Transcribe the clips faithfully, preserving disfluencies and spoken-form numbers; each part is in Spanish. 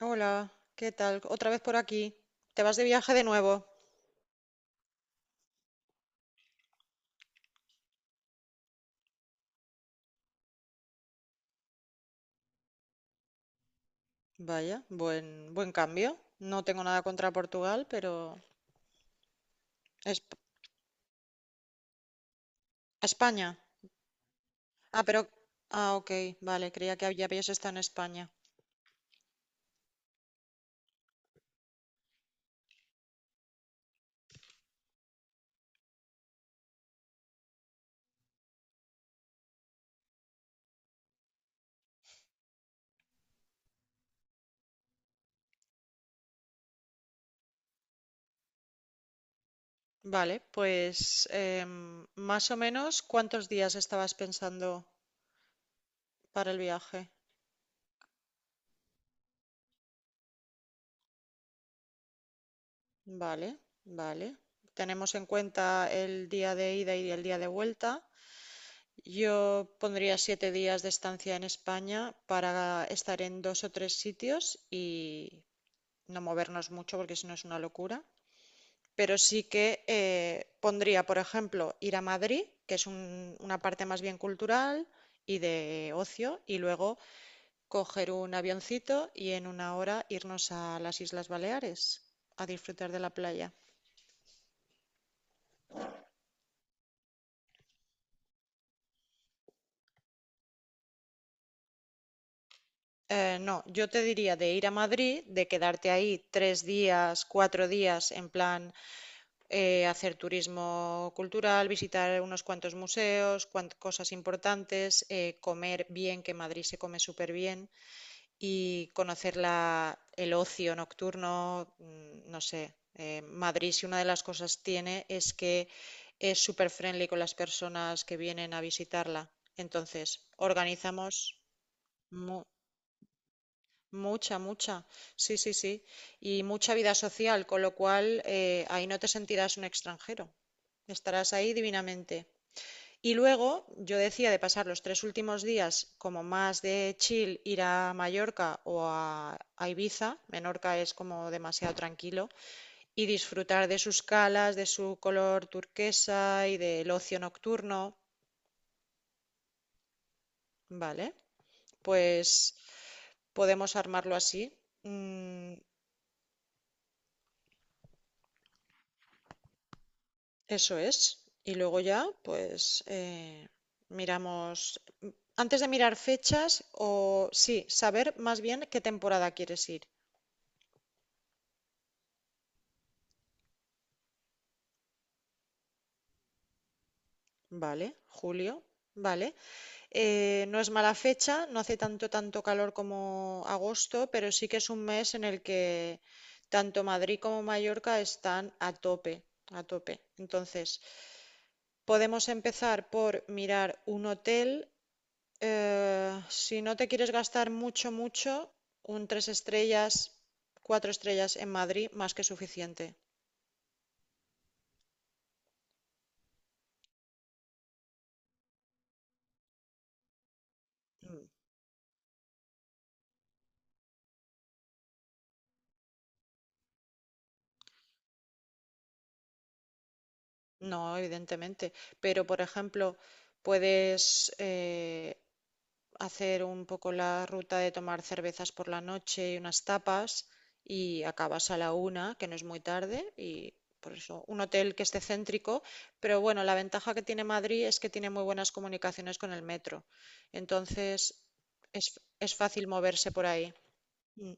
Hola, ¿qué tal? Otra vez por aquí. ¿Te vas de viaje de nuevo? Vaya, buen, buen cambio. No tengo nada contra Portugal, pero... Esp- España. Ah, pero... Ah, ok, vale, creía que ya habías estado en España. Vale, pues em, más o menos, ¿cuántos días estabas pensando para el viaje? Vale, vale. Tenemos en cuenta el día de ida y el día de vuelta. Yo pondría siete días de estancia en España para estar en dos o tres sitios y no movernos mucho porque si no es una locura. Pero sí que eh, pondría, por ejemplo, ir a Madrid, que es un- una parte más bien cultural y de ocio, y luego coger un avioncito y en una hora irnos a las Islas Baleares a disfrutar de la playa. Eh, no, yo te diría de ir a Madrid, de quedarte ahí tres días, cuatro días en plan eh, hacer turismo cultural, visitar unos cuantos museos, cuan- cosas importantes, eh, comer bien, que en Madrid se come súper bien, y conocer la- el ocio nocturno, mm, no sé. eh, Madrid, si una de las cosas tiene es que es súper friendly con las personas que vienen a visitarla. Entonces, organizamos mu- mucha, mucha, sí, sí, sí, y mucha vida social, con lo cual eh, ahí no te sentirás un extranjero. Estarás ahí divinamente. Y luego yo decía de pasar los tres últimos días como más de chill, ir a Mallorca o a, a Ibiza. Menorca es como demasiado tranquilo, y disfrutar de sus calas, de su color turquesa y del ocio nocturno, ¿vale? Pues podemos armarlo así. Mm. Eso es. Y luego ya, pues eh, miramos, antes de mirar fechas, o sí, saber más bien qué temporada quieres ir. Vale, julio, vale. Eh, no es mala fecha, no hace tanto, tanto calor como agosto, pero sí que es un mes en el que tanto Madrid como Mallorca están a tope, a tope. Entonces, podemos empezar por mirar un hotel. Eh, si no te quieres gastar mucho, mucho, un tres estrellas, cuatro estrellas en Madrid, más que suficiente. Mm. No, evidentemente. Pero, por ejemplo, puedes eh, hacer un poco la ruta de tomar cervezas por la noche y unas tapas y acabas a la una, que no es muy tarde, y por eso un hotel que esté céntrico, pero bueno, la ventaja que tiene Madrid es que tiene muy buenas comunicaciones con el metro, entonces es, es fácil moverse por ahí. Mm.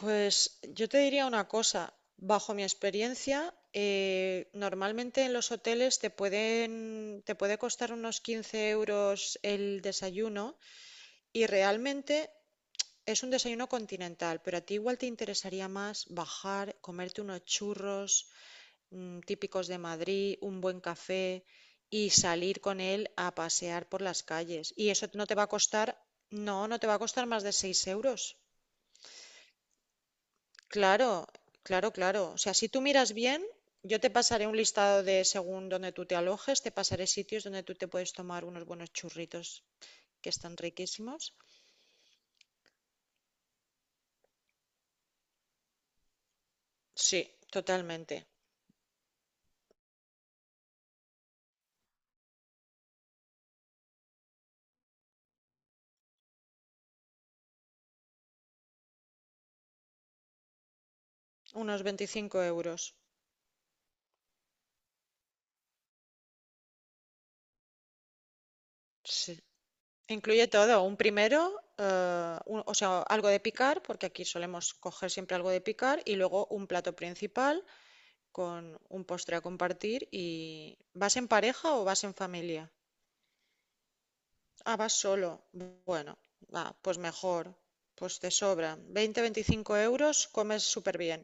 Pues yo te diría una cosa, bajo mi experiencia, eh, normalmente en los hoteles te pueden, te puede costar unos quince euros el desayuno. Y realmente es un desayuno continental, pero a ti igual te interesaría más bajar, comerte unos churros mm, típicos de Madrid, un buen café y salir con él a pasear por las calles. Y eso no te va a costar, no, no te va a costar más de seis euros. Claro, claro, claro. O sea, si tú miras bien, yo te pasaré un listado de según donde tú te alojes, te pasaré sitios donde tú te puedes tomar unos buenos churritos que están riquísimos. Sí, totalmente. Unos veinticinco euros. Sí. Incluye todo, un primero, eh, un- o sea, algo de picar, porque aquí solemos coger siempre algo de picar, y luego un plato principal con un postre a compartir. Y ¿vas en pareja o vas en familia? Ah, vas solo. Bueno, ah, pues mejor, pues te sobra. veinte-veinticinco euros, comes súper bien.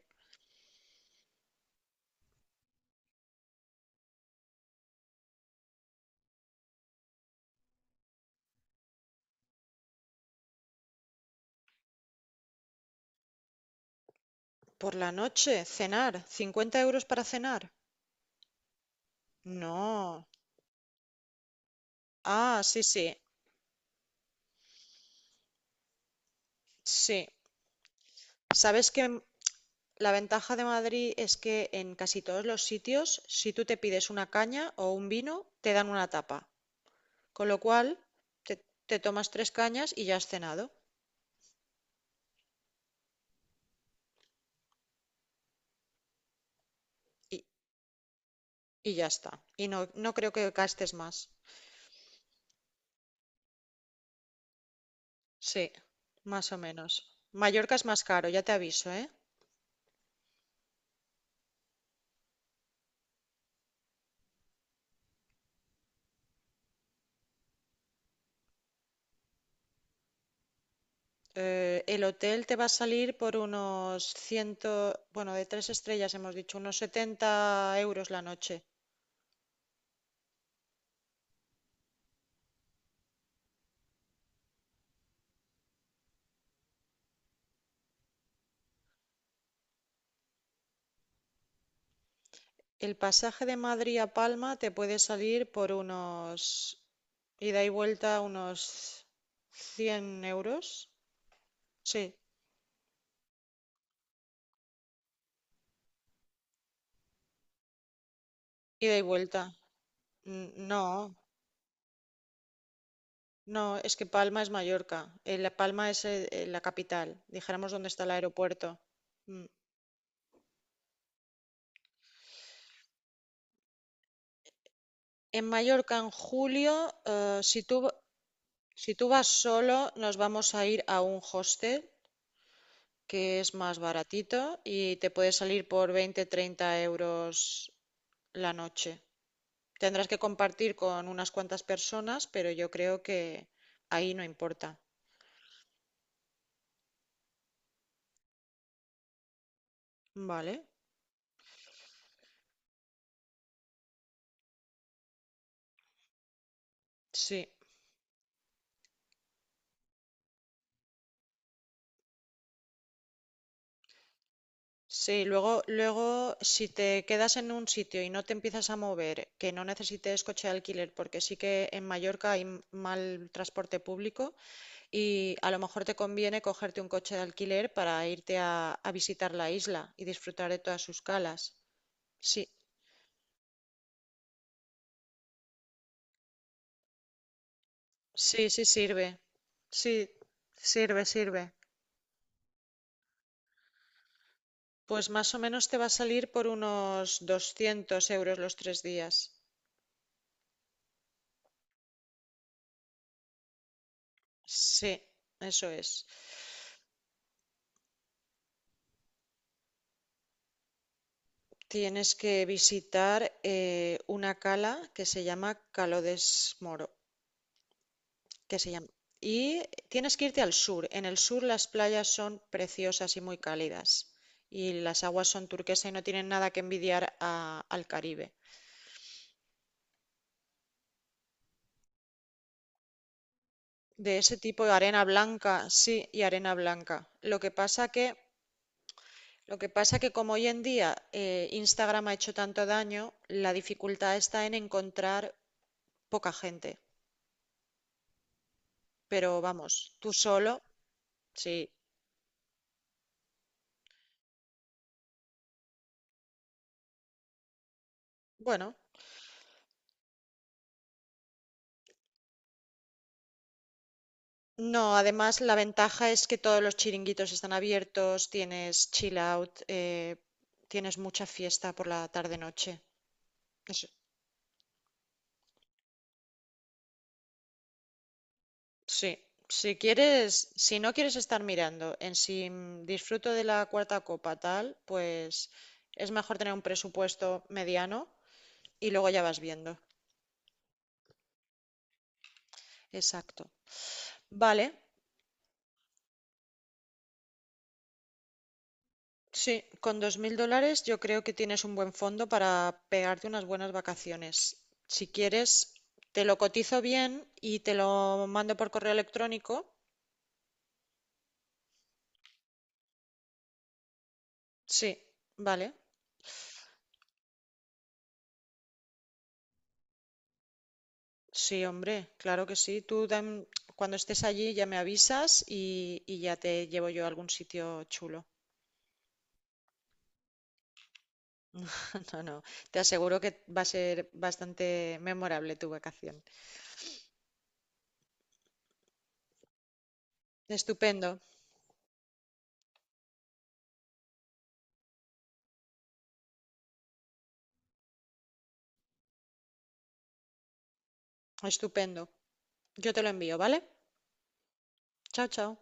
Por la noche, cenar, cincuenta euros para cenar. No. Ah, sí, sí, sí. ¿Sabes qué? La ventaja de Madrid es que en casi todos los sitios, si tú te pides una caña o un vino, te dan una tapa. Con lo cual, te, te tomas tres cañas y ya has cenado. Y, y ya está. Y no, no creo que gastes más. Sí, más o menos. Mallorca es más caro, ya te aviso, ¿eh? Eh, el hotel te va a salir por unos cien, bueno, de tres estrellas hemos dicho, unos setenta euros la noche. El pasaje de Madrid a Palma te puede salir por unos... Ida y vuelta unos cien euros. Sí, ida y vuelta. N- No, no, es que Palma es Mallorca. Eh, La Palma es eh, eh, la capital. Dijéramos dónde está el aeropuerto. Mm. En Mallorca en julio, eh, si tú, si tú vas solo, nos vamos a ir a un hostel que es más baratito y te puede salir por veinte treinta euros la noche. Tendrás que compartir con unas cuantas personas, pero yo creo que ahí no importa. Vale, sí. Sí, luego, luego, si te quedas en un sitio y no te empiezas a mover, que no necesites coche de alquiler, porque sí que en Mallorca hay m- mal transporte público y a lo mejor te conviene cogerte un coche de alquiler para irte a, a visitar la isla y disfrutar de todas sus calas. Sí, sí, sí sirve. Sí, sirve, sirve. Pues más o menos te va a salir por unos doscientos euros los tres días. Sí, eso es. Tienes que visitar eh, una cala que se llama Calo Moro, que se llama. Y tienes que irte al sur. En el sur las playas son preciosas y muy cálidas. Y las aguas son turquesa y no tienen nada que envidiar a- al Caribe. De ese tipo de arena blanca, sí, y arena blanca. Lo que pasa que Lo que pasa que como hoy en día eh, Instagram ha hecho tanto daño, la dificultad está en encontrar poca gente. Pero vamos, tú solo, sí. Bueno, no, además la ventaja es que todos los chiringuitos están abiertos, tienes chill out, eh, tienes mucha fiesta por la tarde-noche. Eso- Sí, si quieres, si no quieres estar mirando en si mm, disfruto de la cuarta copa tal, pues es mejor tener un presupuesto mediano y luego ya vas viendo. Exacto. Vale, sí, con dos mil dólares yo creo que tienes un buen fondo para pegarte unas buenas vacaciones. Si quieres, te lo cotizo bien y te lo mando por correo electrónico. Sí, vale. Sí, hombre, claro que sí. Tú dan- cuando estés allí ya me avisas y, y ya te llevo yo a algún sitio chulo. No, no, te aseguro que va a ser bastante memorable tu vacación. Estupendo, estupendo. Yo te lo envío, ¿vale? Chao, chao.